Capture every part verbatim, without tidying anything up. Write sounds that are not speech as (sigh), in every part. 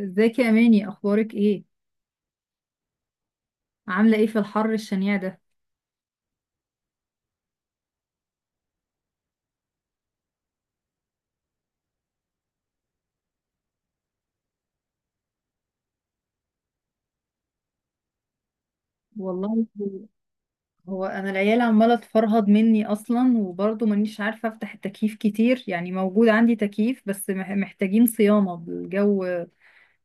ازيك يا اماني؟ اخبارك ايه؟ عامله ايه في الحر الشنيع ده؟ والله، هو انا العيال عماله تفرهد مني اصلا، وبرضه مانيش عارفه افتح التكييف كتير، يعني موجود عندي تكييف بس مح- محتاجين صيانه. الجو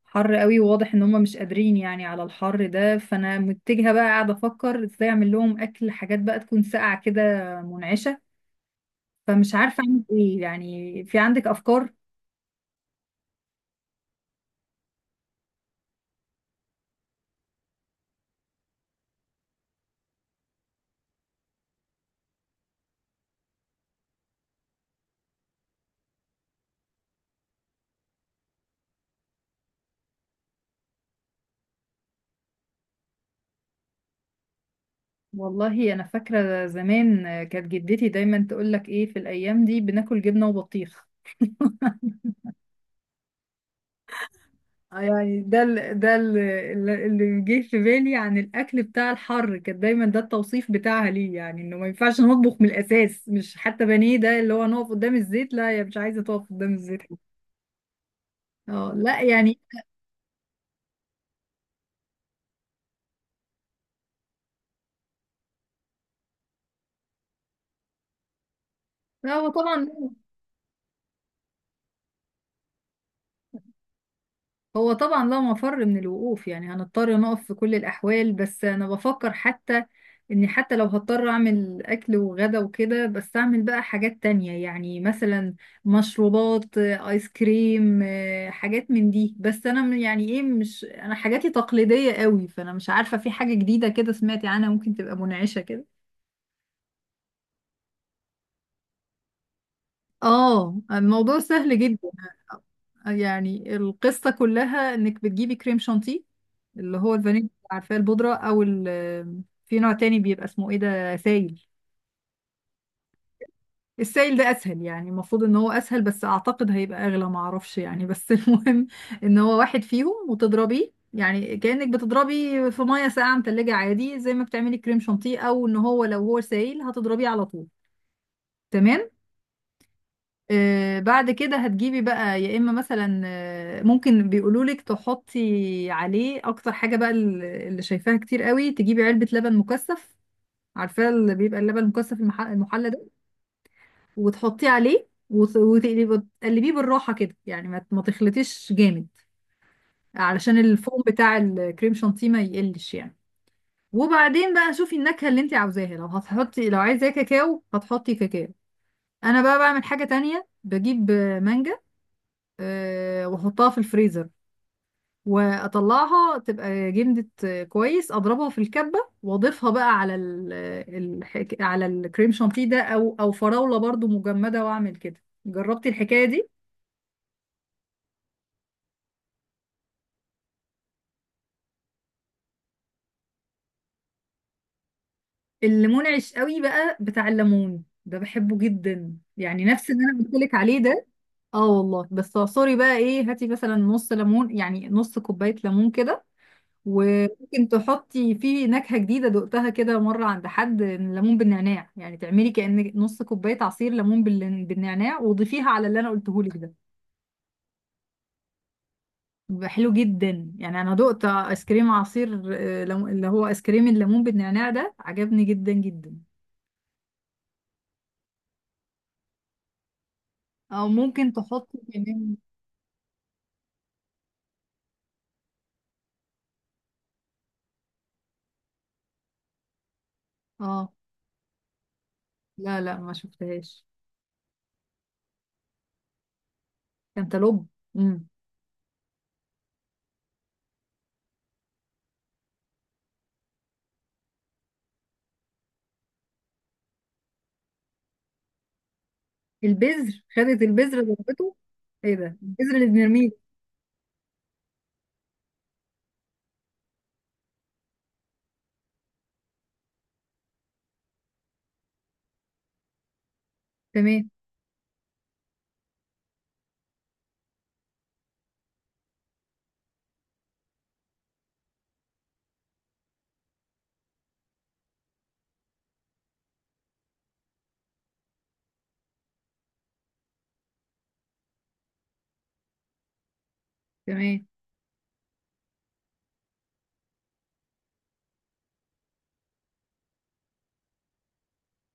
حر قوي، وواضح ان هم مش قادرين يعني على الحر ده، فانا متجهه بقى قاعده افكر ازاي اعمل لهم اكل، حاجات بقى تكون ساقعه كده، منعشه. فمش عارفه اعمل ايه، يعني في عندك افكار؟ والله انا فاكره زمان آه، كانت جدتي دايما تقول لك ايه، في الايام دي بناكل جبنه وبطيخ. (laughs) آه، يعني ده ال ده ال اللي اللي جه في بالي عن الاكل بتاع الحر، كان دايما ده التوصيف بتاعها ليه، يعني انه ما ينفعش نطبخ من الاساس، مش حتى بانيه ده اللي هو نقف قدام الزيت. لا، يا مش عايزه تقف قدام الزيت. اه لا يعني. لا هو طبعا. هو طبعا لا مفر من الوقوف، يعني هنضطر نقف في كل الأحوال، بس أنا بفكر حتى إني حتى لو هضطر أعمل أكل وغدا وكده، بس أعمل بقى حاجات تانية، يعني مثلا مشروبات، آه، آيس كريم، آه، حاجات من دي. بس أنا م- يعني إيه مش أنا حاجاتي تقليدية قوي، فأنا مش عارفة في حاجة جديدة كده سمعتي عنها ممكن تبقى منعشة كده. اه، الموضوع سهل جدا. يعني القصة كلها انك بتجيبي كريم شانتيه اللي هو الفانيليا، عارفاه البودرة، او ال- في نوع تاني بيبقى اسمه ايه ده، سايل. السايل ده اسهل، يعني المفروض ان هو اسهل، بس اعتقد هيبقى اغلى، معرفش يعني، بس (laughs) المهم ان هو واحد فيهم وتضربيه، يعني كأنك بتضربي في مية ساقعة متلجة عادي، زي ما بتعملي كريم شانتيه، او ان هو لو هو سايل هتضربيه على طول. تمام. آه، بعد كده هتجيبي بقى يا اما مثلا، آه، ممكن بيقولولك تحطي عليه اكتر حاجه بقى، ال- اللي شايفاها كتير قوي، تجيبي علبه لبن مكثف، عارفاه اللي بيبقى اللبن المكثف المح- المحلى ده. وتحطيه عليه وت- وتقلبي- وتقلبيه بالراحه كده، يعني ما ما تخلطيش جامد، علشان الفوم بتاع الكريم شانتيه ما يقلش يعني. وبعدين بقى شوفي النكهه اللي انت عاوزاها، لو هتحطي لو عايزاه كاكاو هتحطي كاكاو. انا بقى بعمل حاجه تانية، بجيب آه، مانجا، آه، واحطها في الفريزر، واطلعها تبقى جمدت، آه، كويس اضربها في الكبه واضيفها بقى على ال الحك... على الكريم شانتيه ده، او او فراوله برضو مجمده واعمل كده. جربتي الحكايه دي؟ اللي منعش قوي بقى بتاع الليمون ده بحبه جدا، يعني نفس اللي انا قلت لك عليه ده. اه والله. بس اعصري بقى ايه، هاتي مثلا نص ليمون، يعني نص كوبايه ليمون كده. وممكن تحطي فيه نكهة جديدة دقتها كده مرة عند حد، ليمون بالنعناع، يعني تعملي كأن نص كوباية عصير ليمون بال- بالنعناع، وضيفيها على اللي انا قلته لك ده. بيبقى حلو جدا، يعني انا دقت ايس كريم عصير آه، لم- اللي هو ايس كريم الليمون بالنعناع ده، عجبني جدا جدا. او ممكن تحطي كمان. اه. لا لا، ما شفتهاش. كانتالوب. امم. البذر؟ خدت البذر ضربته؟ ايه ده، البذر اللي بنرميه؟ تمام. تمام.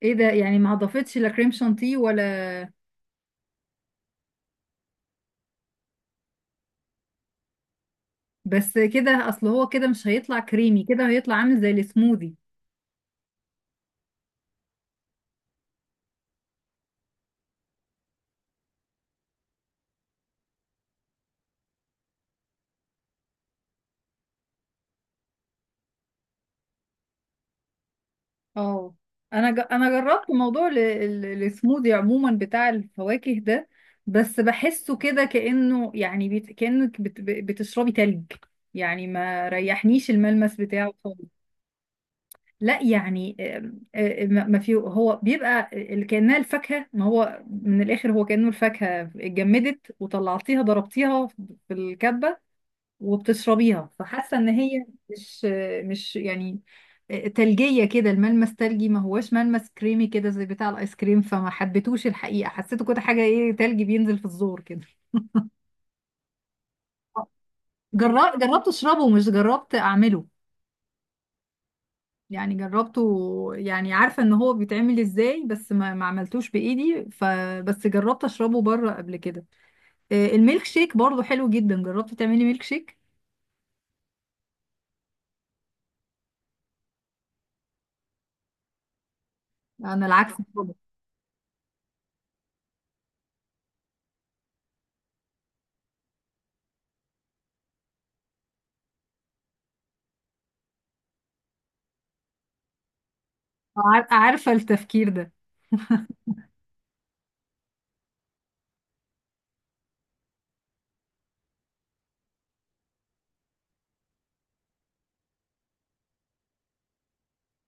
ايه ده، يعني ما اضافتش لا كريم شانتيه ولا؟ بس كده؟ اصل هو كده مش هيطلع كريمي كده، هيطلع عامل زي السموذي. اه، انا ج... انا جربت موضوع ال... ال- السموذي عموما بتاع الفواكه ده، بس بحسه كده كأنه يعني بيت... كأنك بت... ب- بتشربي تلج، يعني ما ريحنيش الملمس بتاعه خالص. لا يعني، آم، آه، ما ما في هو بيبقى ال- كأنها الفاكهة، ما هو من الآخر هو كأنه الفاكهة اتجمدت وطلعتيها ضربتيها في الكبة وبتشربيها، فحاسه ان هي مش، مش يعني، آه، تلجيه كده الملمس، تلجي ما هواش ملمس كريمي كده زي بتاع الايس كريم، فما حبيتوش الحقيقه، حسيته كده حاجه ايه، تلج بينزل في الزور كده. جربت، جربت اشربه، مش جربت اعمله. يعني جربته، يعني عارفه ان هو بيتعمل ازاي، بس ما, ما عملتوش بايدي، فبس جربت اشربه بره قبل كده. آه، الميلك شيك برضه حلو جدا، جربت تعملي ميلك شيك؟ انا العكس خالص. عار- عارفه التفكير ده.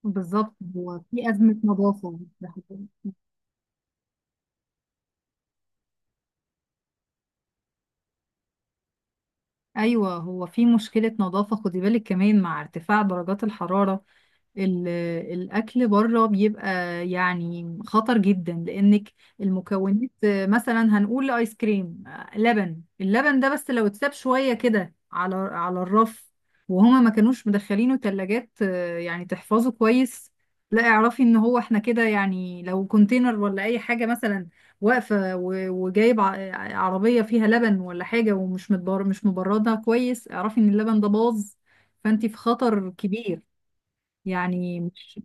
بالظبط، هو في أزمة نظافة ده حقيقي. أيوة، هو في مشكلة نظافة، خدي بالك كمان مع ارتفاع درجات الحرارة. ال- الأكل بره بيبقى يعني خطر جدا، لأنك المكونات، آه، مثلا هنقول آيس كريم، آه، لبن، اللبن ده بس لو اتساب شوية كده على على الرف، وهما ما كانوش مدخلينه تلاجات، آه، يعني تحفظه كويس، لا اعرفي ان هو احنا كده. يعني لو كونتينر ولا اي حاجة مثلا واقفة، و- وجايب ع- عربية فيها لبن ولا حاجة، ومش متبر مش مبردها كويس، اعرفي ان اللبن ده باظ، فانت في خطر كبير. يعني مش،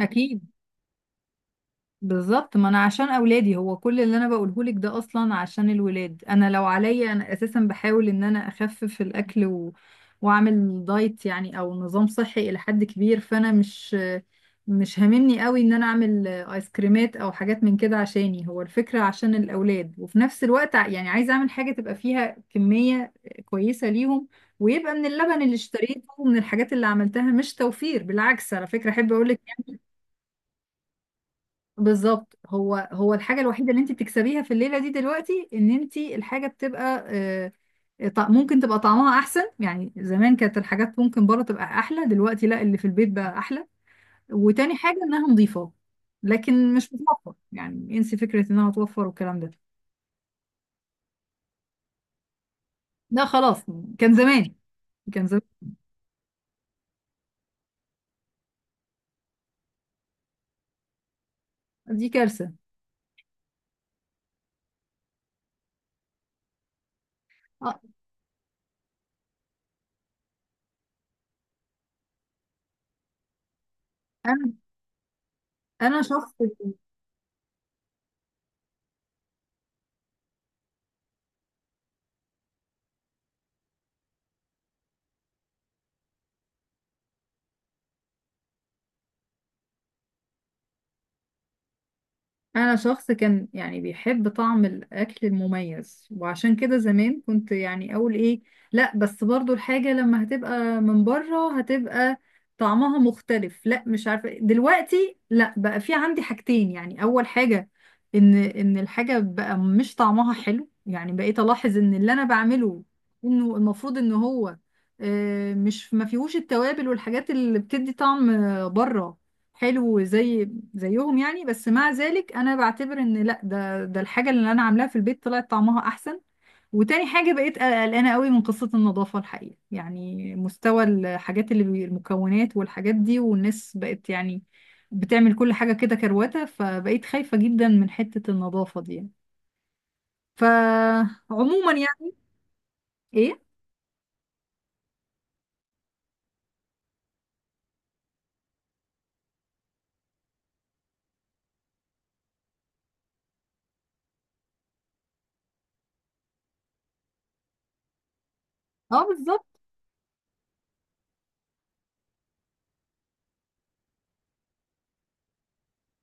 اكيد. بالظبط، ما انا عشان اولادي هو كل اللي انا بقوله لك ده، اصلا عشان الولاد. انا لو عليا انا اساسا بحاول ان انا اخفف الاكل و... واعمل دايت يعني او نظام صحي الى حد كبير، فانا مش مش هاممني قوي ان انا اعمل ايس كريمات او حاجات من كده عشاني، هو الفكرة عشان الاولاد، وفي نفس الوقت ع- يعني عايزه اعمل حاجة تبقى فيها كمية كويسة ليهم، ويبقى من اللبن اللي اشتريته ومن الحاجات اللي عملتها، مش توفير، بالعكس على فكرة، احب اقول. بالظبط، هو هو الحاجة الوحيدة اللي انت بتكسبيها في الليلة دي دلوقتي ان انت الحاجة بتبقى آه، طع- ممكن تبقى طعمها احسن، يعني زمان كانت الحاجات ممكن بره تبقى احلى، دلوقتي لا، اللي في البيت بقى احلى، وتاني حاجة انها نظيفة. لكن مش بتوفر، يعني انسي فكرة انها توفر والكلام ده. لا خلاص، كان زمان، كان زمان. دي كارثة. آه، انا انا شخص انا شخص كان يعني بيحب طعم الاكل المميز، وعشان كده زمان كنت يعني اقول ايه، لا بس برضو الحاجة لما هتبقى من بره هتبقى طعمها مختلف، لا مش عارفة إيه. دلوقتي لا، بقى في عندي حاجتين، يعني اول حاجة ان ان الحاجة بقى مش طعمها حلو، يعني بقيت الاحظ ان اللي انا بعمله انه المفروض ان هو آه، مش ما فيهوش التوابل والحاجات اللي بتدي طعم، آه، بره حلو زي زيهم يعني، بس مع ذلك انا بعتبر ان لا، ده ده الحاجه اللي انا عاملاها في البيت طلعت طعمها احسن. وتاني حاجه بقيت قلقانه قوي من قصه النظافه الحقيقه، يعني مستوى الحاجات اللي بي- المكونات والحاجات دي، والناس بقت يعني بتعمل كل حاجه كده كروته، فبقيت خايفه جدا من حته النظافه دي يعني. فعموما يعني، ايه. اه، بالظبط.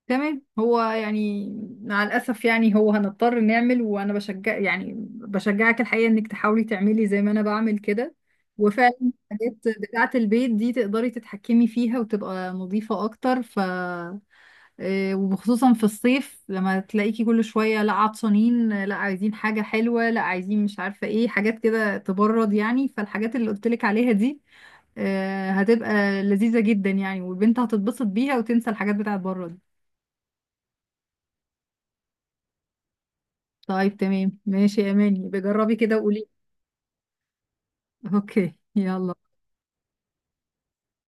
تمام، هو يعني مع الأسف يعني هو هنضطر نعمل، وأنا بشجع يعني بشجعك الحقيقة إنك تحاولي تعملي زي ما أنا بعمل كده، وفعلا الحاجات بتاعة البيت دي تقدري تتحكمي فيها وتبقى نظيفة أكتر. ف آه، وخصوصا في الصيف، لما تلاقيكي كل شوية لا عطشانين، لا عايزين حاجة حلوة، لا عايزين مش عارفة إيه، حاجات كده تبرد يعني، فالحاجات اللي قلتلك عليها دي آه، هتبقى لذيذة جدا يعني، والبنت هتتبسط بيها وتنسى الحاجات بتاعة بره دي. طيب تمام ماشي يا اماني، بجربي كده وقولي. (laughs) اوكي، يلا.